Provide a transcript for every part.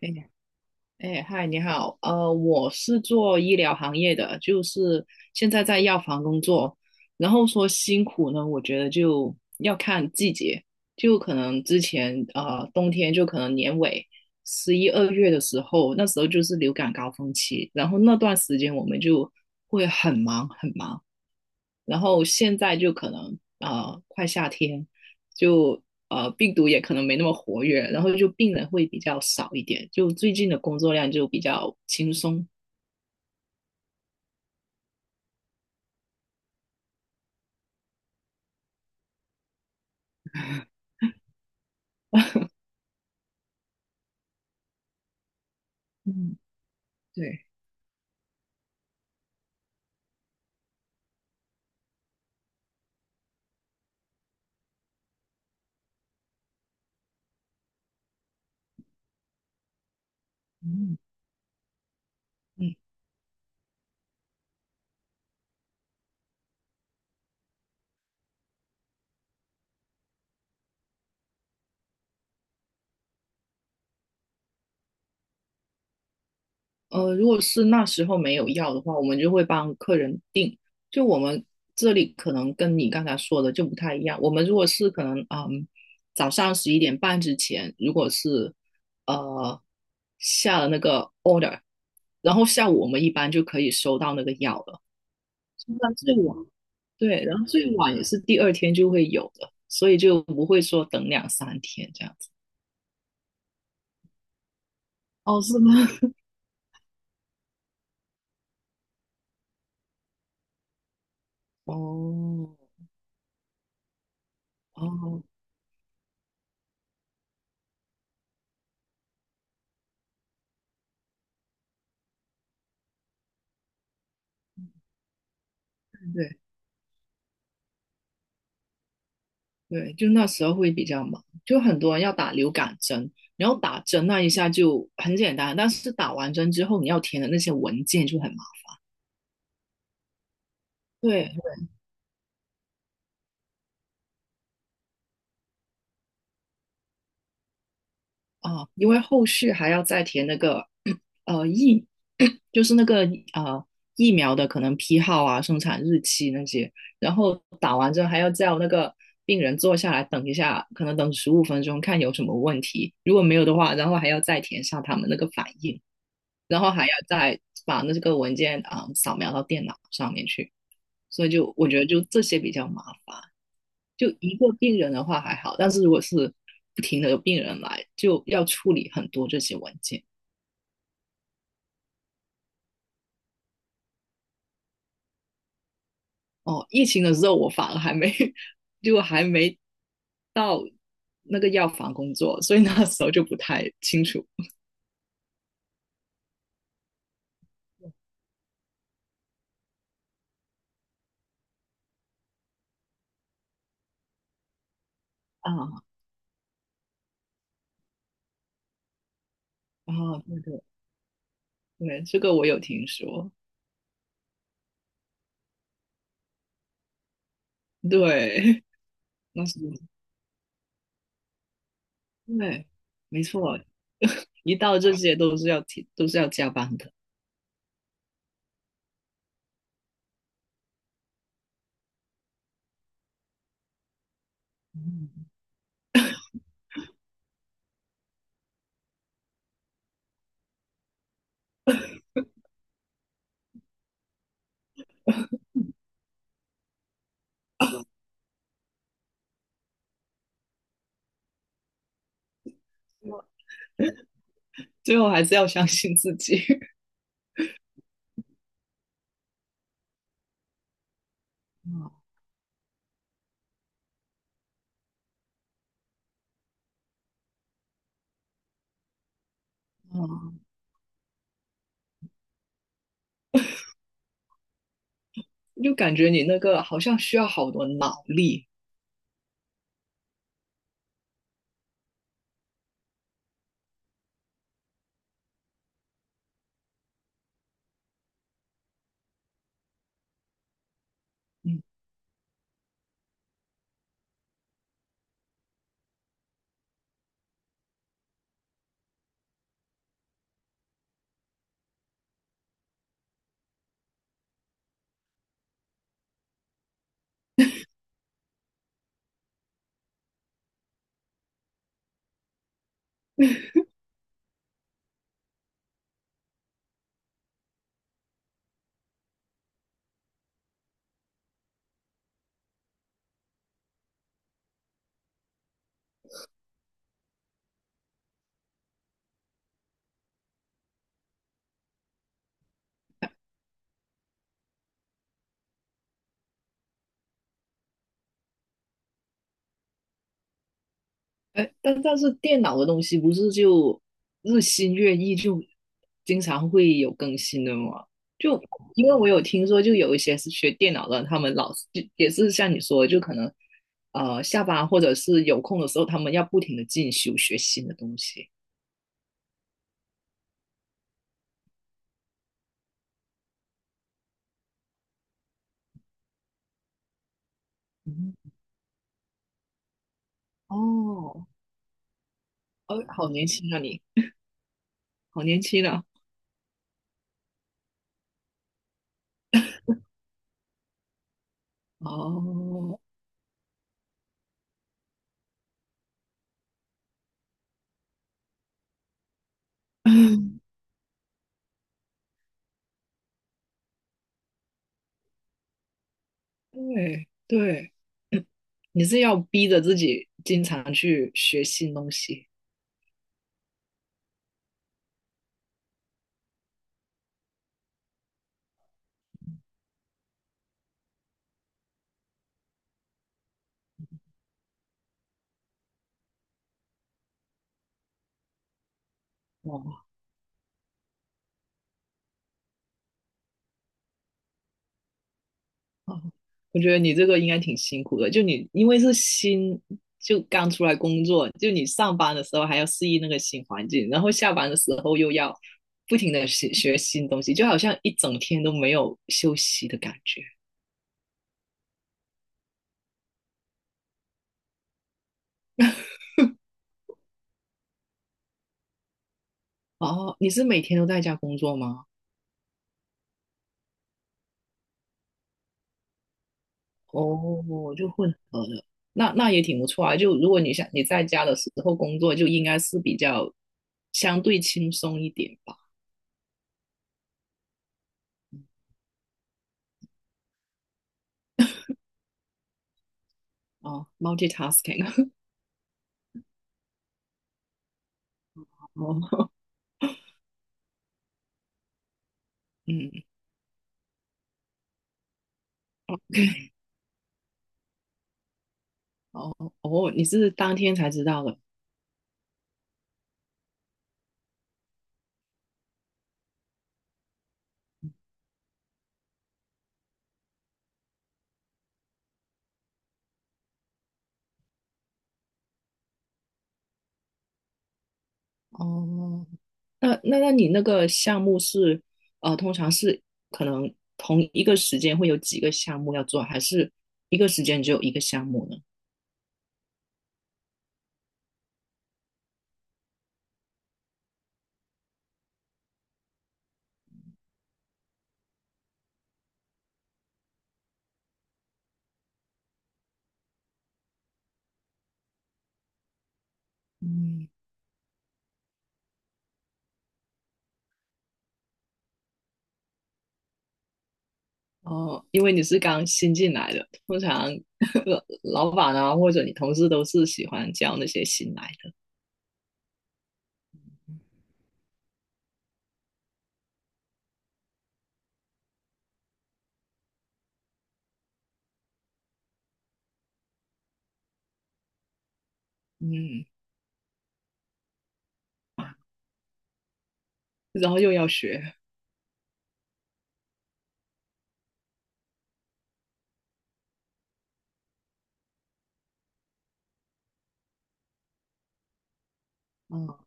哎哎，嗨，你好，我是做医疗行业的，就是现在在药房工作。然后说辛苦呢，我觉得就要看季节，就可能之前冬天就可能年尾11、12月的时候，那时候就是流感高峰期，然后那段时间我们就会很忙很忙。然后现在就可能快夏天，就病毒也可能没那么活跃，然后就病人会比较少一点，就最近的工作量就比较轻松。嗯，对，嗯，嗯。如果是那时候没有药的话，我们就会帮客人订。就我们这里可能跟你刚才说的就不太一样。我们如果是可能，早上11点半之前，如果是呃下了那个 order，然后下午我们一般就可以收到那个药了。那最晚对，然后最晚也是第二天就会有的，所以就不会说等两三天这样子。哦，是吗？哦，哦，对。对，就那时候会比较忙，就很多人要打流感针，然后打针那一下就很简单，但是打完针之后你要填的那些文件就很忙。对啊，因为后续还要再填那个 呃疫，就是那个疫苗的可能批号啊、生产日期那些，然后打完针还要叫那个病人坐下来等一下，可能等15分钟看有什么问题，如果没有的话，然后还要再填上他们那个反应。然后还要再把那个文件啊、扫描到电脑上面去，所以就我觉得就这些比较麻烦。就一个病人的话还好，但是如果是不停的有病人来，就要处理很多这些文件。哦，疫情的时候我反而还没到那个药房工作，所以那时候就不太清楚。啊啊，对对对，这个我有听说，对，那是对，没错，一到这些都是要提，都是要加班的。嗯，最后还是要相信自己。嗯嗯，就感觉你那个好像需要好多脑力。嗯，哎，但是电脑的东西不是就日新月异，就经常会有更新的吗？就因为我有听说，就有一些是学电脑的，他们老是就也是像你说的，就可能下班或者是有空的时候，他们要不停的进修学新的东西。嗯，哦，哦，好年轻啊你，好年轻啊！哦，对对，你是要逼着自己经常去学新东西，哇，哦，我觉得你这个应该挺辛苦的，就你因为是新，就刚出来工作，就你上班的时候还要适应那个新环境，然后下班的时候又要不停的学学新东西，就好像一整天都没有休息的感觉。哦，你是每天都在家工作吗？哦，就混合的，那也挺不错啊。就如果你想你在家的时候工作，就应该是比较相对轻松一点吧。哦，multitasking,哦，嗯，哦，哦，你是当天才知道的。哦，那你那个项目是，通常是可能同一个时间会有几个项目要做，还是一个时间只有一个项目呢？嗯，哦，因为你是刚新进来的，通常 老板啊或者你同事都是喜欢教那些新来的，嗯，然后又要学，哦，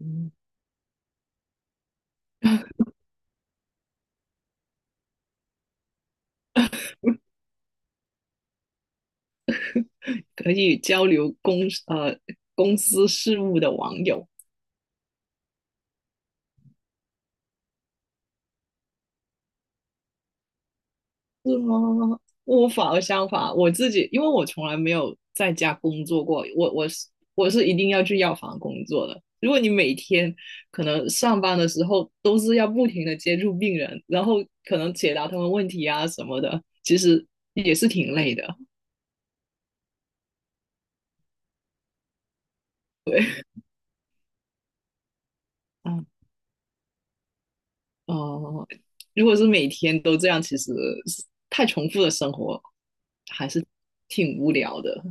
嗯，可以交流呃公司事务的网友，是吗？我反而相反，我自己因为我从来没有在家工作过，我是一定要去药房工作的。如果你每天可能上班的时候都是要不停的接触病人，然后可能解答他们问题啊什么的，其实也是挺累的。嗯，哦，如果是每天都这样，其实太重复的生活还是挺无聊的。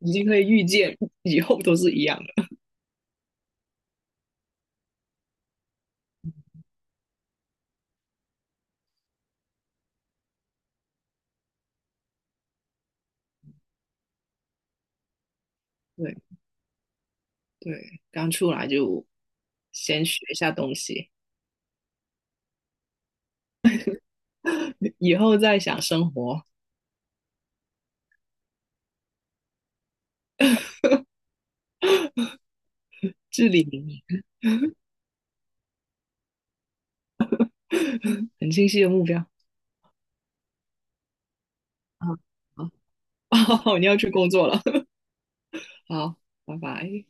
已经可以预见以后都是一样的。对。对，刚出来就先学一下东西，以后再想生活，至理名言，很清晰的目标。啊，好 哦，你要去工作了，好，拜拜。